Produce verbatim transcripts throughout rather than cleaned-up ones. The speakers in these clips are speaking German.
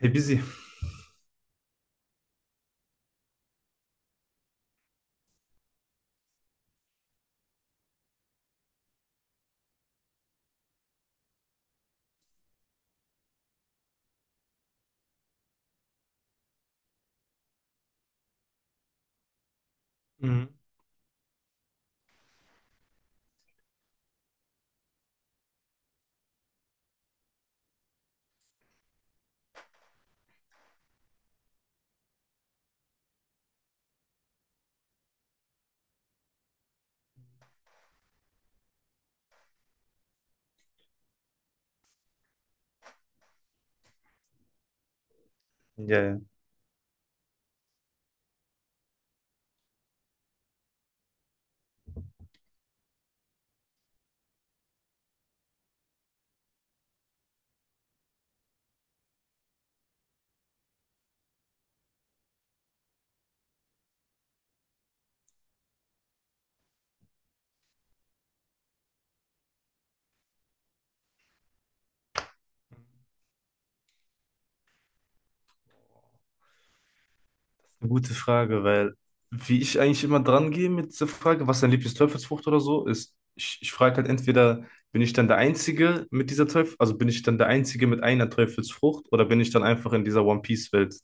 Hey, Busy. Mhm. Ja, ja. Eine gute Frage. Weil wie ich eigentlich immer dran gehe mit dieser Frage, was dein Lieblingsteufelsfrucht oder so ist, ich, ich frage halt entweder, bin ich dann der Einzige mit dieser Teufel, also bin ich dann der Einzige mit einer Teufelsfrucht oder bin ich dann einfach in dieser One Piece Welt?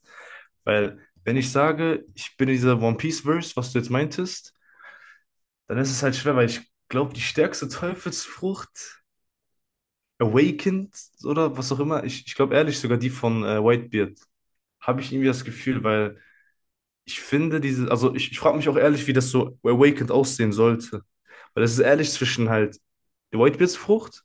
Weil wenn ich sage, ich bin in dieser One Piece Verse, was du jetzt meintest, dann ist es halt schwer, weil ich glaube, die stärkste Teufelsfrucht, Awakened oder was auch immer, ich, ich glaube ehrlich sogar die von äh, Whitebeard. Habe ich irgendwie das Gefühl. Weil ich finde diese, also ich, ich frage mich auch ehrlich, wie das so Awakened aussehen sollte. Weil das ist ehrlich zwischen halt der Whitebeards-Frucht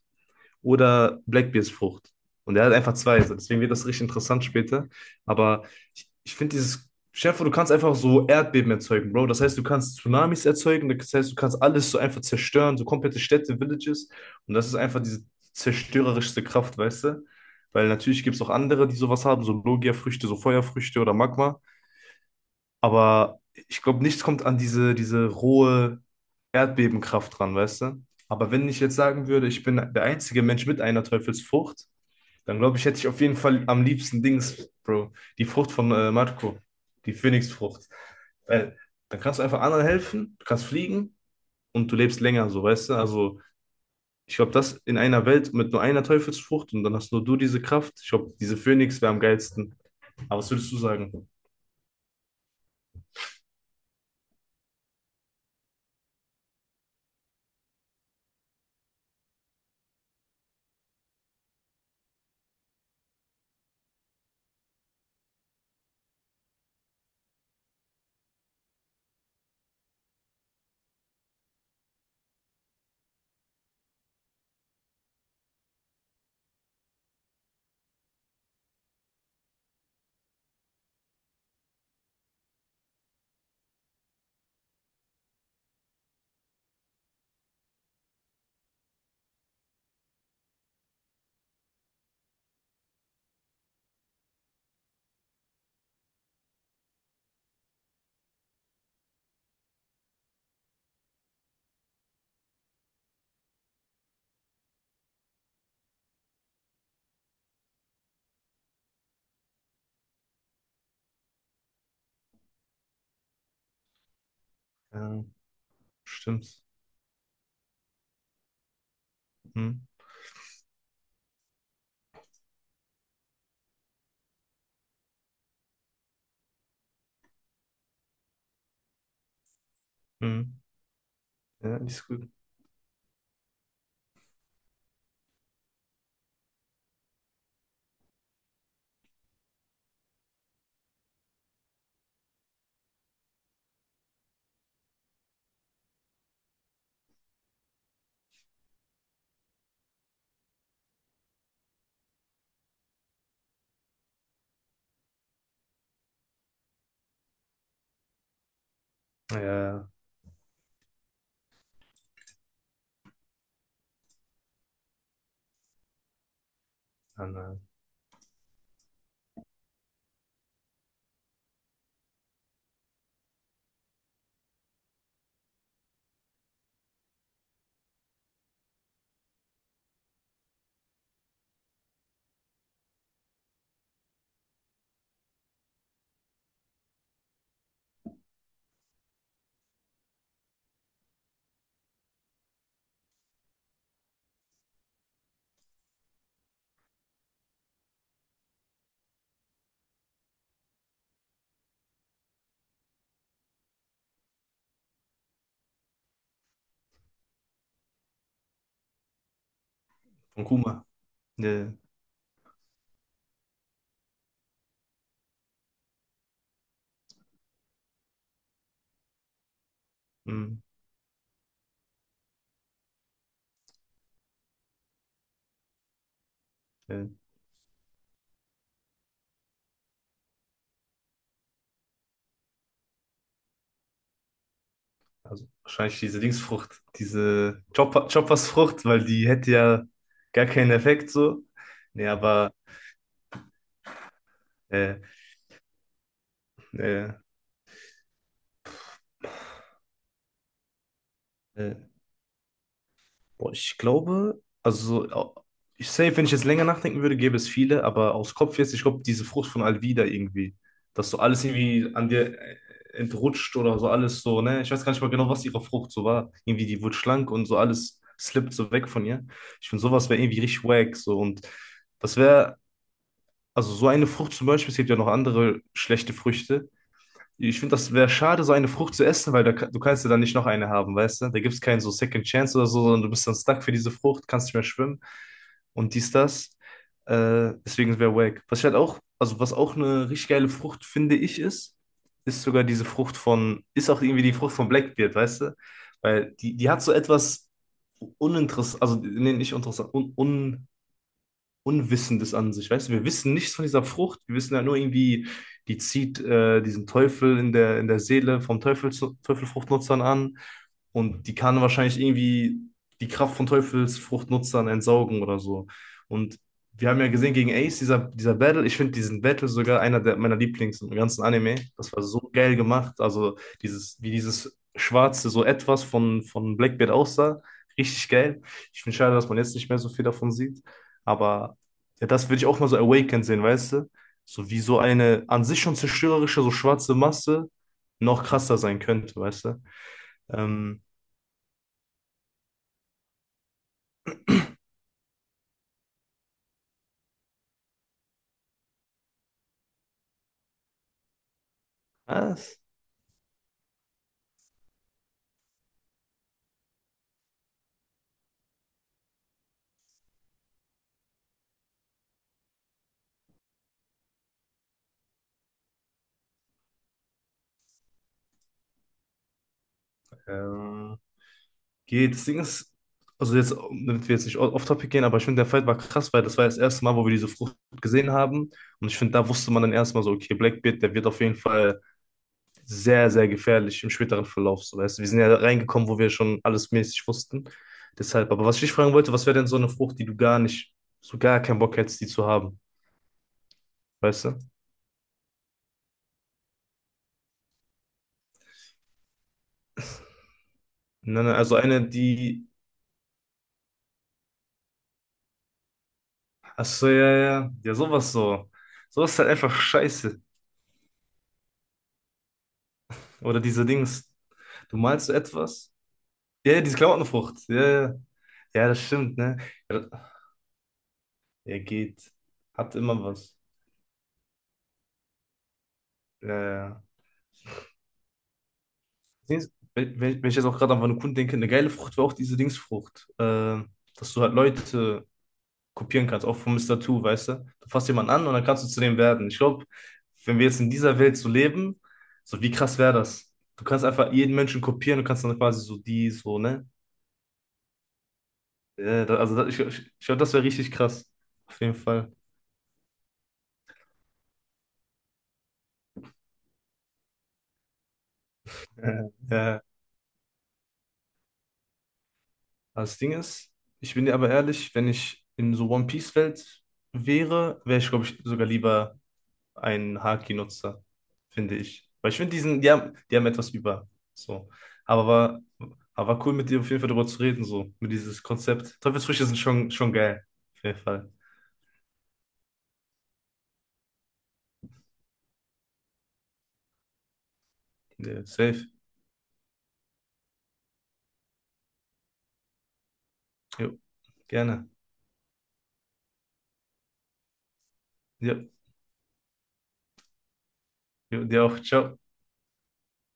oder Blackbeersfrucht. Und er hat einfach zwei. So. Deswegen wird das richtig interessant später. Aber ich, ich finde dieses. Stell dir vor, du kannst einfach so Erdbeben erzeugen, Bro. Das heißt, du kannst Tsunamis erzeugen, das heißt, du kannst alles so einfach zerstören, so komplette Städte, Villages. Und das ist einfach diese zerstörerischste Kraft, weißt du? Weil natürlich gibt es auch andere, die sowas haben, so Logia-Früchte, so Feuerfrüchte oder Magma. Aber ich glaube, nichts kommt an diese, diese rohe Erdbebenkraft ran, weißt du? Aber wenn ich jetzt sagen würde, ich bin der einzige Mensch mit einer Teufelsfrucht, dann glaube ich, hätte ich auf jeden Fall am liebsten Dings, Bro, die Frucht von äh, Marco, die Phönixfrucht. Weil dann kannst du einfach anderen helfen, du kannst fliegen und du lebst länger, so, weißt du? Also, ich glaube, das in einer Welt mit nur einer Teufelsfrucht und dann hast nur du diese Kraft. Ich glaube, diese Phönix wäre am geilsten. Aber was würdest du sagen? Ja, stimmt. Hm, hm. Ja, die ist gut. Ja, dann, äh, von Kuma. Ja. Hm. Ne, also wahrscheinlich diese Dingsfrucht, diese Chopper, Choppersfrucht, weil die hätte ja gar keinen Effekt so. Ne, aber äh, äh, äh, boah, ich glaube, also so, ich safe, wenn ich jetzt länger nachdenken würde, gäbe es viele, aber aus Kopf jetzt, ich glaube, diese Frucht von Alvida irgendwie, dass so alles irgendwie an dir äh, entrutscht oder so alles so, ne? Ich weiß gar nicht mal genau, was ihre Frucht so war. Irgendwie, die wurde schlank und so alles slippt so weg von ihr. Ich finde, sowas wäre irgendwie richtig wack, so, und das wäre, also so eine Frucht zum Beispiel, es gibt ja noch andere schlechte Früchte, ich finde, das wäre schade, so eine Frucht zu essen, weil da, ka- du kannst ja dann nicht noch eine haben, weißt du? Da gibt es keinen so Second Chance oder so, sondern du bist dann stuck für diese Frucht, kannst nicht mehr schwimmen und dies, das. Äh, deswegen wäre wack. Was ich halt auch, also was auch eine richtig geile Frucht, finde ich, ist, ist sogar diese Frucht von, ist auch irgendwie die Frucht von Blackbeard, weißt du? Weil die, die hat so etwas uninteressant, also nee, nicht interessant, un, Unwissendes an sich, weißt du, wir wissen nichts von dieser Frucht, wir wissen ja nur irgendwie, die zieht äh, diesen Teufel in der, in der Seele vom Teufel, Teufelfruchtnutzern an und die kann wahrscheinlich irgendwie die Kraft von Teufelsfruchtnutzern entsaugen oder so. Und wir haben ja gesehen gegen Ace, dieser, dieser Battle, ich finde diesen Battle sogar einer der, meiner Lieblings im ganzen Anime. Das war so geil gemacht. Also dieses, wie dieses schwarze so etwas von, von Blackbeard aussah. Richtig geil. Ich finde schade, dass man jetzt nicht mehr so viel davon sieht. Aber ja, das würde ich auch mal so awakened sehen, weißt du? So wie so eine an sich schon zerstörerische, so schwarze Masse noch krasser sein könnte, weißt du? Ähm, Was? Ähm, Geht. Das Ding ist, also jetzt, damit wir jetzt nicht off-topic gehen, aber ich finde, der Fight war krass, weil das war das erste Mal, wo wir diese Frucht gesehen haben. Und ich finde, da wusste man dann erstmal so, okay, Blackbeard, der wird auf jeden Fall sehr, sehr gefährlich im späteren Verlauf. So, weißt du, wir sind ja reingekommen, wo wir schon alles mäßig wussten. Deshalb, aber was ich dich fragen wollte, was wäre denn so eine Frucht, die du gar nicht, so gar keinen Bock hättest, die zu haben? Weißt du? Nein, nein, also eine, die, ach so, ja, ja, ja, ja, sowas so. Sowas ist halt einfach scheiße. Oder diese Dings. Du malst so etwas? Ja, ja, diese Klamottenfrucht. Ja, ja. Ja, das stimmt, ne? Ja, er geht. Hat immer was. Ja, ja. Dings- Wenn, wenn wenn ich jetzt auch gerade an Vanukun denke, eine geile Frucht war auch diese Dingsfrucht. Äh, dass du halt Leute kopieren kannst, auch von Mister Two, weißt du? Du fasst jemanden an und dann kannst du zu dem werden. Ich glaube, wenn wir jetzt in dieser Welt so leben, so wie krass wäre das? Du kannst einfach jeden Menschen kopieren und kannst dann quasi so die, so, ne? Ja, da, also da, ich, ich, ich glaube, das wäre richtig krass. Auf jeden Fall. Ja, ja. Das Ding ist, ich bin dir aber ehrlich, wenn ich in so One Piece-Welt wäre, wäre ich, glaube ich, sogar lieber ein Haki-Nutzer, finde ich. Weil ich finde diesen, die haben, die haben etwas über. So. Aber war, aber war cool, mit dir auf jeden Fall darüber zu reden, so, mit dieses Konzept. Teufelsfrüchte sind schon, schon geil. Auf jeden Fall. Ja, safe. Jo, gerne. Ja, jo, dir auch. Ciao.